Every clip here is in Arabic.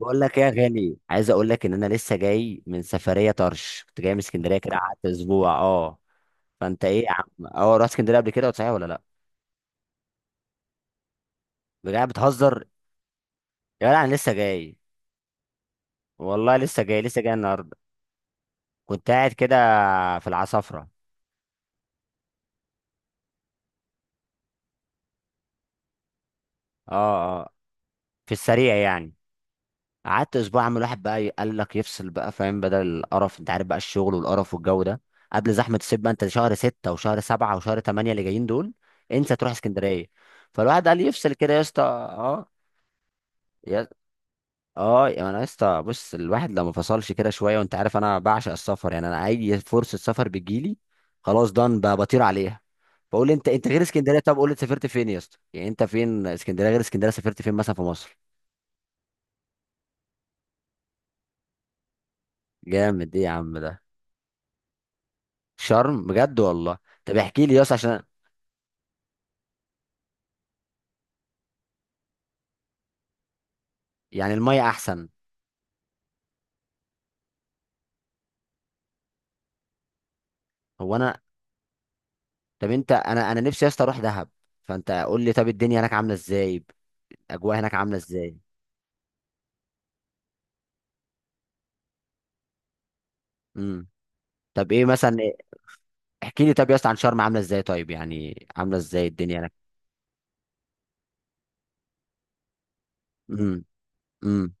بقول لك ايه يا غالي، عايز اقول لك ان انا لسه جاي من سفريه طرش، كنت جاي من اسكندريه كده، قعدت اسبوع. اه فانت ايه يا عم؟ اه رحت اسكندريه قبل كده صحيح ولا لا؟ بجد بتهزر؟ يا جدع انا لسه جاي. والله لسه جاي لسه جاي النهارده. كنت قاعد كده في العصافره. اه، اه. في السريع يعني. قعدت اسبوع. عم الواحد بقى قال لك يفصل بقى، فاهم؟ بدل القرف، انت عارف بقى الشغل والقرف والجو ده. قبل زحمه الصيف بقى، انت شهر ستة وشهر سبعة وشهر تمانية اللي جايين دول، انسى تروح اسكندريه. فالواحد قال يفصل كده يا اسطى. اه يا اه يا انا اسطى، بص الواحد لما فصلش كده شويه، وانت عارف انا بعشق السفر يعني، انا اي فرصه سفر بتجيلي خلاص، دان بطير عليها. بقول، انت غير اسكندريه، طب قول لي سافرت فين يا اسطى، يعني انت فين؟ اسكندريه غير اسكندريه سافرت فين مثلا في مصر؟ جامد، ايه يا عم ده؟ شرم بجد والله؟ طب احكي لي يا اسطى عشان، يعني الميه احسن؟ هو انا، طب انت، انا نفسي يا اسطى اروح دهب، فانت قول لي طب الدنيا هناك عامله ازاي؟ الاجواء هناك عامله ازاي؟ امم. طب ايه مثلا؟ احكي لي طب يا اسطى عن شرم عامله ازاي؟ طيب يعني عامله ازاي الدنيا هناك؟ امم، امم،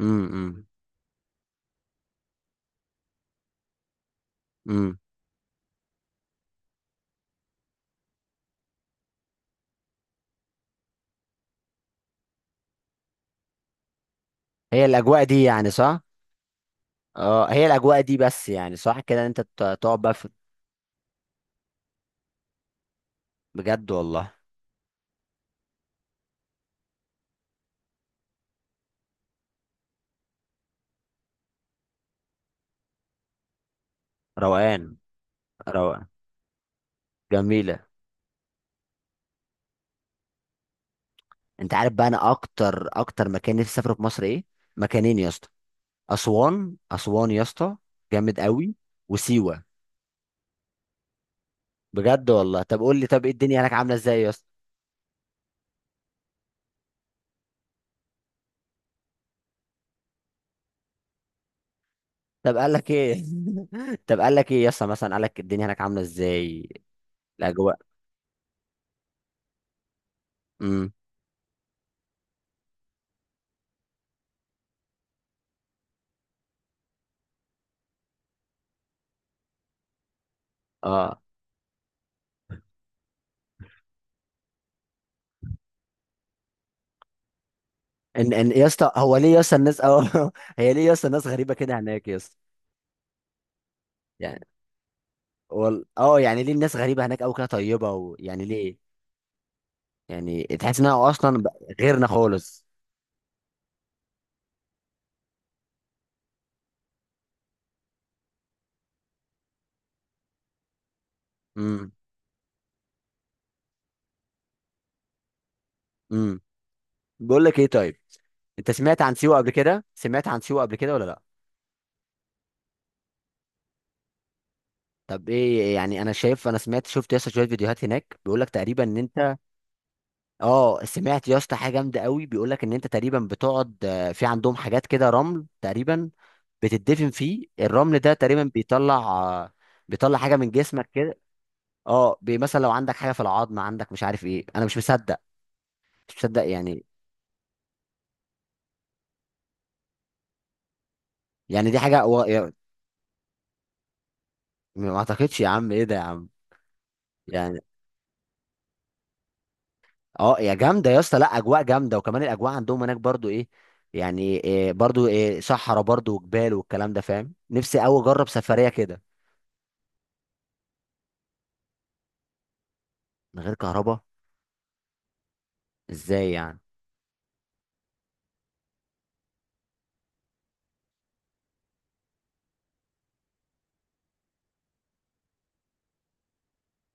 امم، امم. هي الاجواء دي يعني صح؟ اه، هي الاجواء دي بس يعني صح كده إن انت تقعد بقى في. بجد والله. روقان. روقان. جميله. انت عارف بقى، انا اكتر مكان نفسي اسافره في مصر ايه؟ مكانين يا اسطى، اسوان. اسوان يا اسطى، جامد قوي. وسيوه. بجد والله؟ طب قول لي، طب ايه الدنيا هناك عامله ازاي يا اسطى؟ طب قال لك ايه؟ طب قال لك ايه يا اسطى مثلا؟ قال لك الدنيا هناك عامله ازاي؟ الاجواء. امم. اه ان يا اسطى، هو ليه يا اسطى الناس هي ليه يا اسطى الناس غريبه كده هناك يا اسطى؟ يعني، وال... اه يعني ليه الناس غريبه هناك او كده طيبه يعني ليه؟ يعني تحس انها اصلا غيرنا خالص. امم. امم. بقول لك ايه طيب، انت سمعت عن سيوه قبل كده، سمعت عن سيوه قبل كده ولا لا؟ طب ايه يعني، انا شايف، انا شفت يا اسطى شويه فيديوهات هناك، بيقول لك تقريبا ان انت، اه سمعت يا اسطى حاجه جامده قوي، بيقول لك ان انت تقريبا بتقعد في عندهم حاجات كده رمل تقريبا، بتدفن فيه، الرمل ده تقريبا بيطلع بيطلع حاجه من جسمك كده. مثلا لو عندك حاجه في العظم عندك، مش عارف ايه، انا مش مصدق، مش مصدق يعني. يعني دي حاجه ما اعتقدش يا عم، ايه ده يا عم؟ يعني، اه يا جامده يا اسطى، لا، اجواء جامده، وكمان الاجواء عندهم هناك برضو ايه؟ يعني إيه برضو؟ إيه، صحراء برضو وجبال والكلام ده، فاهم؟ نفسي قوي اجرب سفريه كده. من غير كهرباء؟ ازاي يعني؟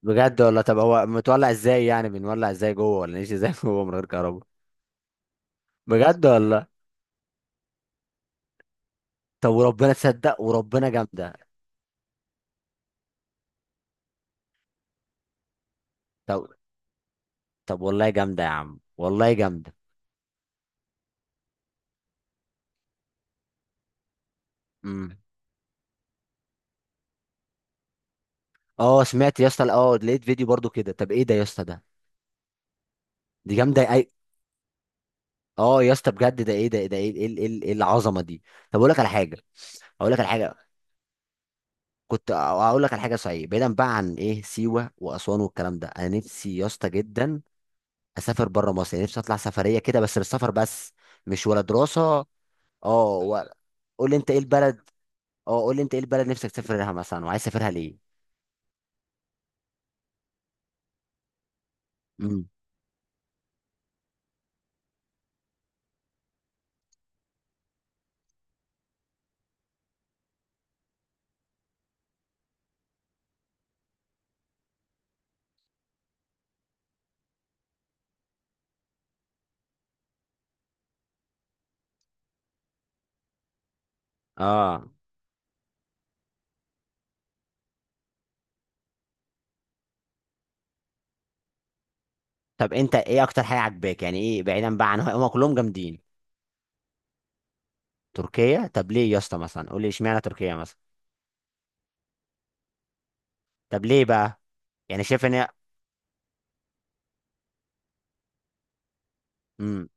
بجد والله؟ طب هو متولع ازاي، يعني بنولع ازاي جوه، ولا نعيش ازاي جوه من غير كهرباء؟ بجد والله. طب وربنا تصدق، وربنا جامده. طب طب والله جامده يا عم، والله جامده. امم. اه سمعت يا اسطى، لقيت فيديو برضو كده. طب ايه ده يا اسطى ده؟ دي جامده اي. اه يا اسطى بجد، ده ايه ده؟ ده ايه، ايه، ايه، إيه، إيه العظمه دي؟ طب اقول لك على حاجه اقول لك على حاجه كنت اقول لك على حاجه، صحيح، بعيدا بقى عن ايه سيوه واسوان والكلام ده، انا نفسي يا اسطى جدا اسافر بره مصر، يعني نفسي اطلع سفريه كده بس، بالسفر بس، مش ولا دراسه. اه ولا- قول لي انت ايه البلد، اه قول لي انت ايه البلد نفسك تسافر لها مثلا، وعايز تسافرها ليه؟ اه طب انت ايه اكتر حاجه عاجباك يعني، ايه، بعيدا بقى عن هم كلهم جامدين؟ تركيا؟ طب ليه يا اسطى مثلا؟ قول لي اشمعنى تركيا مثلا، طب ليه بقى؟ يعني شايف ان هي. امم.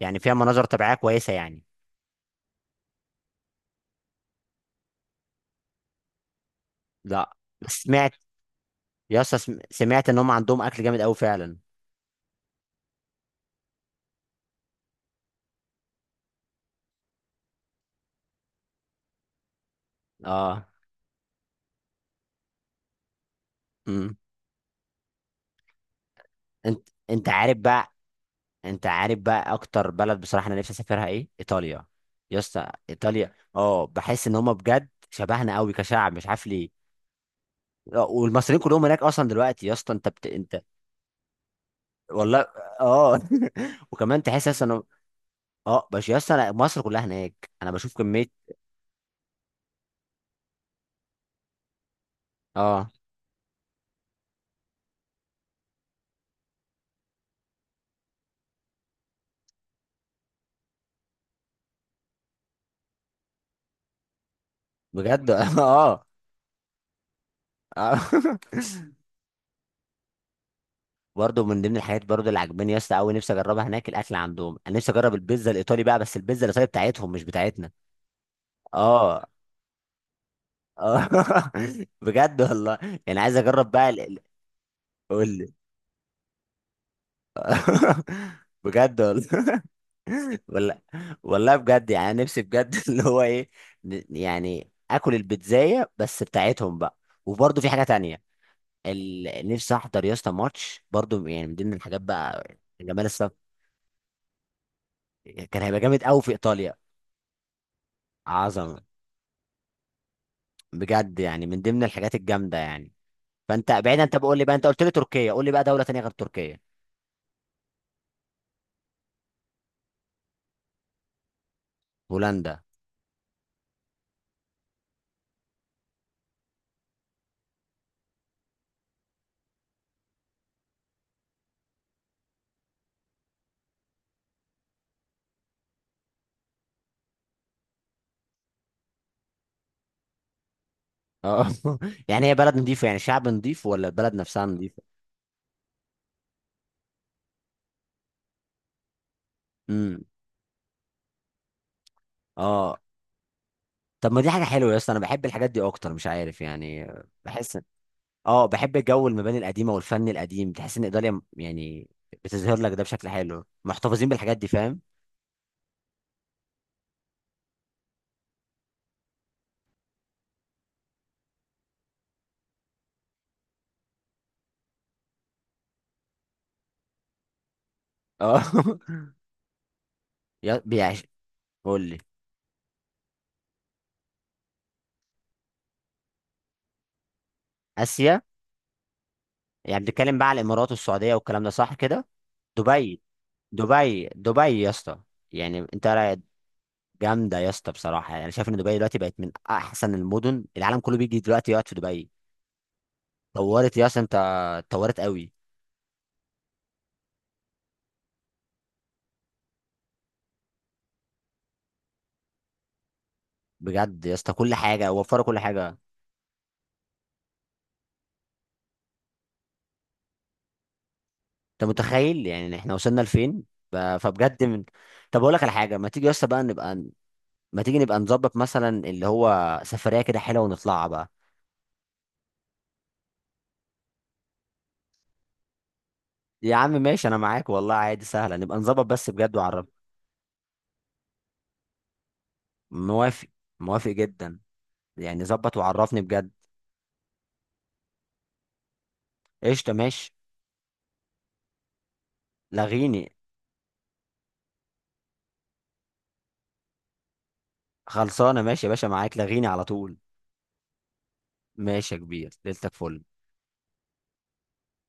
يعني فيها مناظر طبيعيه كويسه يعني؟ لا بس سمعت. يا اسطى سمعت ان هم عندهم اكل جامد قوي فعلا. اه. امم. انت عارف بقى، انت عارف بقى اكتر بلد بصراحه انا نفسي اسافرها ايه؟ ايطاليا. يا اسطى ايطاليا، بحس ان هم بجد شبهنا قوي كشعب، مش عارف ليه. والمصريين كلهم هناك اصلا دلوقتي، يا اسطى انت انت. والله. اه وكمان تحس اصلا بس يا اسطى مصر كلها هناك، انا بشوف كميه. اه بجد. اه. آه. برضه من ضمن الحاجات برضه اللي عجباني يا اسطى، قوي نفسي اجربها هناك الاكل عندهم، انا نفسي اجرب البيتزا الايطالي بقى، بس البيتزا الايطالي بتاعتهم مش بتاعتنا. اه. اه بجد والله. يعني عايز اجرب بقى قول لي. بجد والله. والله. والله بجد، يعني أنا نفسي بجد، اللي هو ايه، يعني اكل البيتزاية بس بتاعتهم بقى. وبرضه في حاجة تانية، نفسي احضر يا اسطى ماتش برضه، يعني من ضمن الحاجات بقى جمال الصف، كان هيبقى جامد قوي في ايطاليا. عظمة. بجد، يعني من ضمن الحاجات الجامدة يعني. فانت بعيدا، انت بقول لي بقى، انت قلت لي تركيا، قول لي بقى دولة تانية غير تركيا. هولندا. اه يعني هي بلد نظيفة يعني، شعب نظيف ولا البلد نفسها نظيفة؟ امم. اه، طب ما دي حاجه حلوه يا اسطى، انا بحب الحاجات دي اكتر، مش عارف يعني. بحس. اه، بحب جو المباني القديمه والفن القديم، تحس ان ايطاليا يعني بتظهر لك ده بشكل حلو، محتفظين بالحاجات دي، فاهم؟ اه بيعيش. قول لي. اسيا، يعني بنتكلم بقى على الامارات والسعوديه والكلام ده، صح كده؟ دبي. دبي، دبي يا اسطى، يعني انت جامده يا اسطى بصراحه، يعني شايف ان دبي دلوقتي بقت من احسن المدن، العالم كله بيجي دلوقتي يقعد في دبي. طورت يا اسطى انت، اتطورت قوي. بجد يا اسطى كل حاجه، وفروا كل حاجه. انت متخيل يعني إن احنا وصلنا لفين؟ فبجد من. طب اقول لك على حاجه، ما تيجي يا اسطى بقى نبقى، ما تيجي نبقى نظبط مثلا اللي هو سفريه كده حلوه ونطلعها بقى. يا عم ماشي، انا معاك والله، عادي سهله، نبقى نظبط بس بجد، وعرفني. موافق. موافق جدا، يعني ظبط وعرفني بجد. قشطه، ماشي. لغيني. خلصانه، ماشي يا باشا، معاك، لغيني على طول. ماشي يا كبير، ليلتك فل.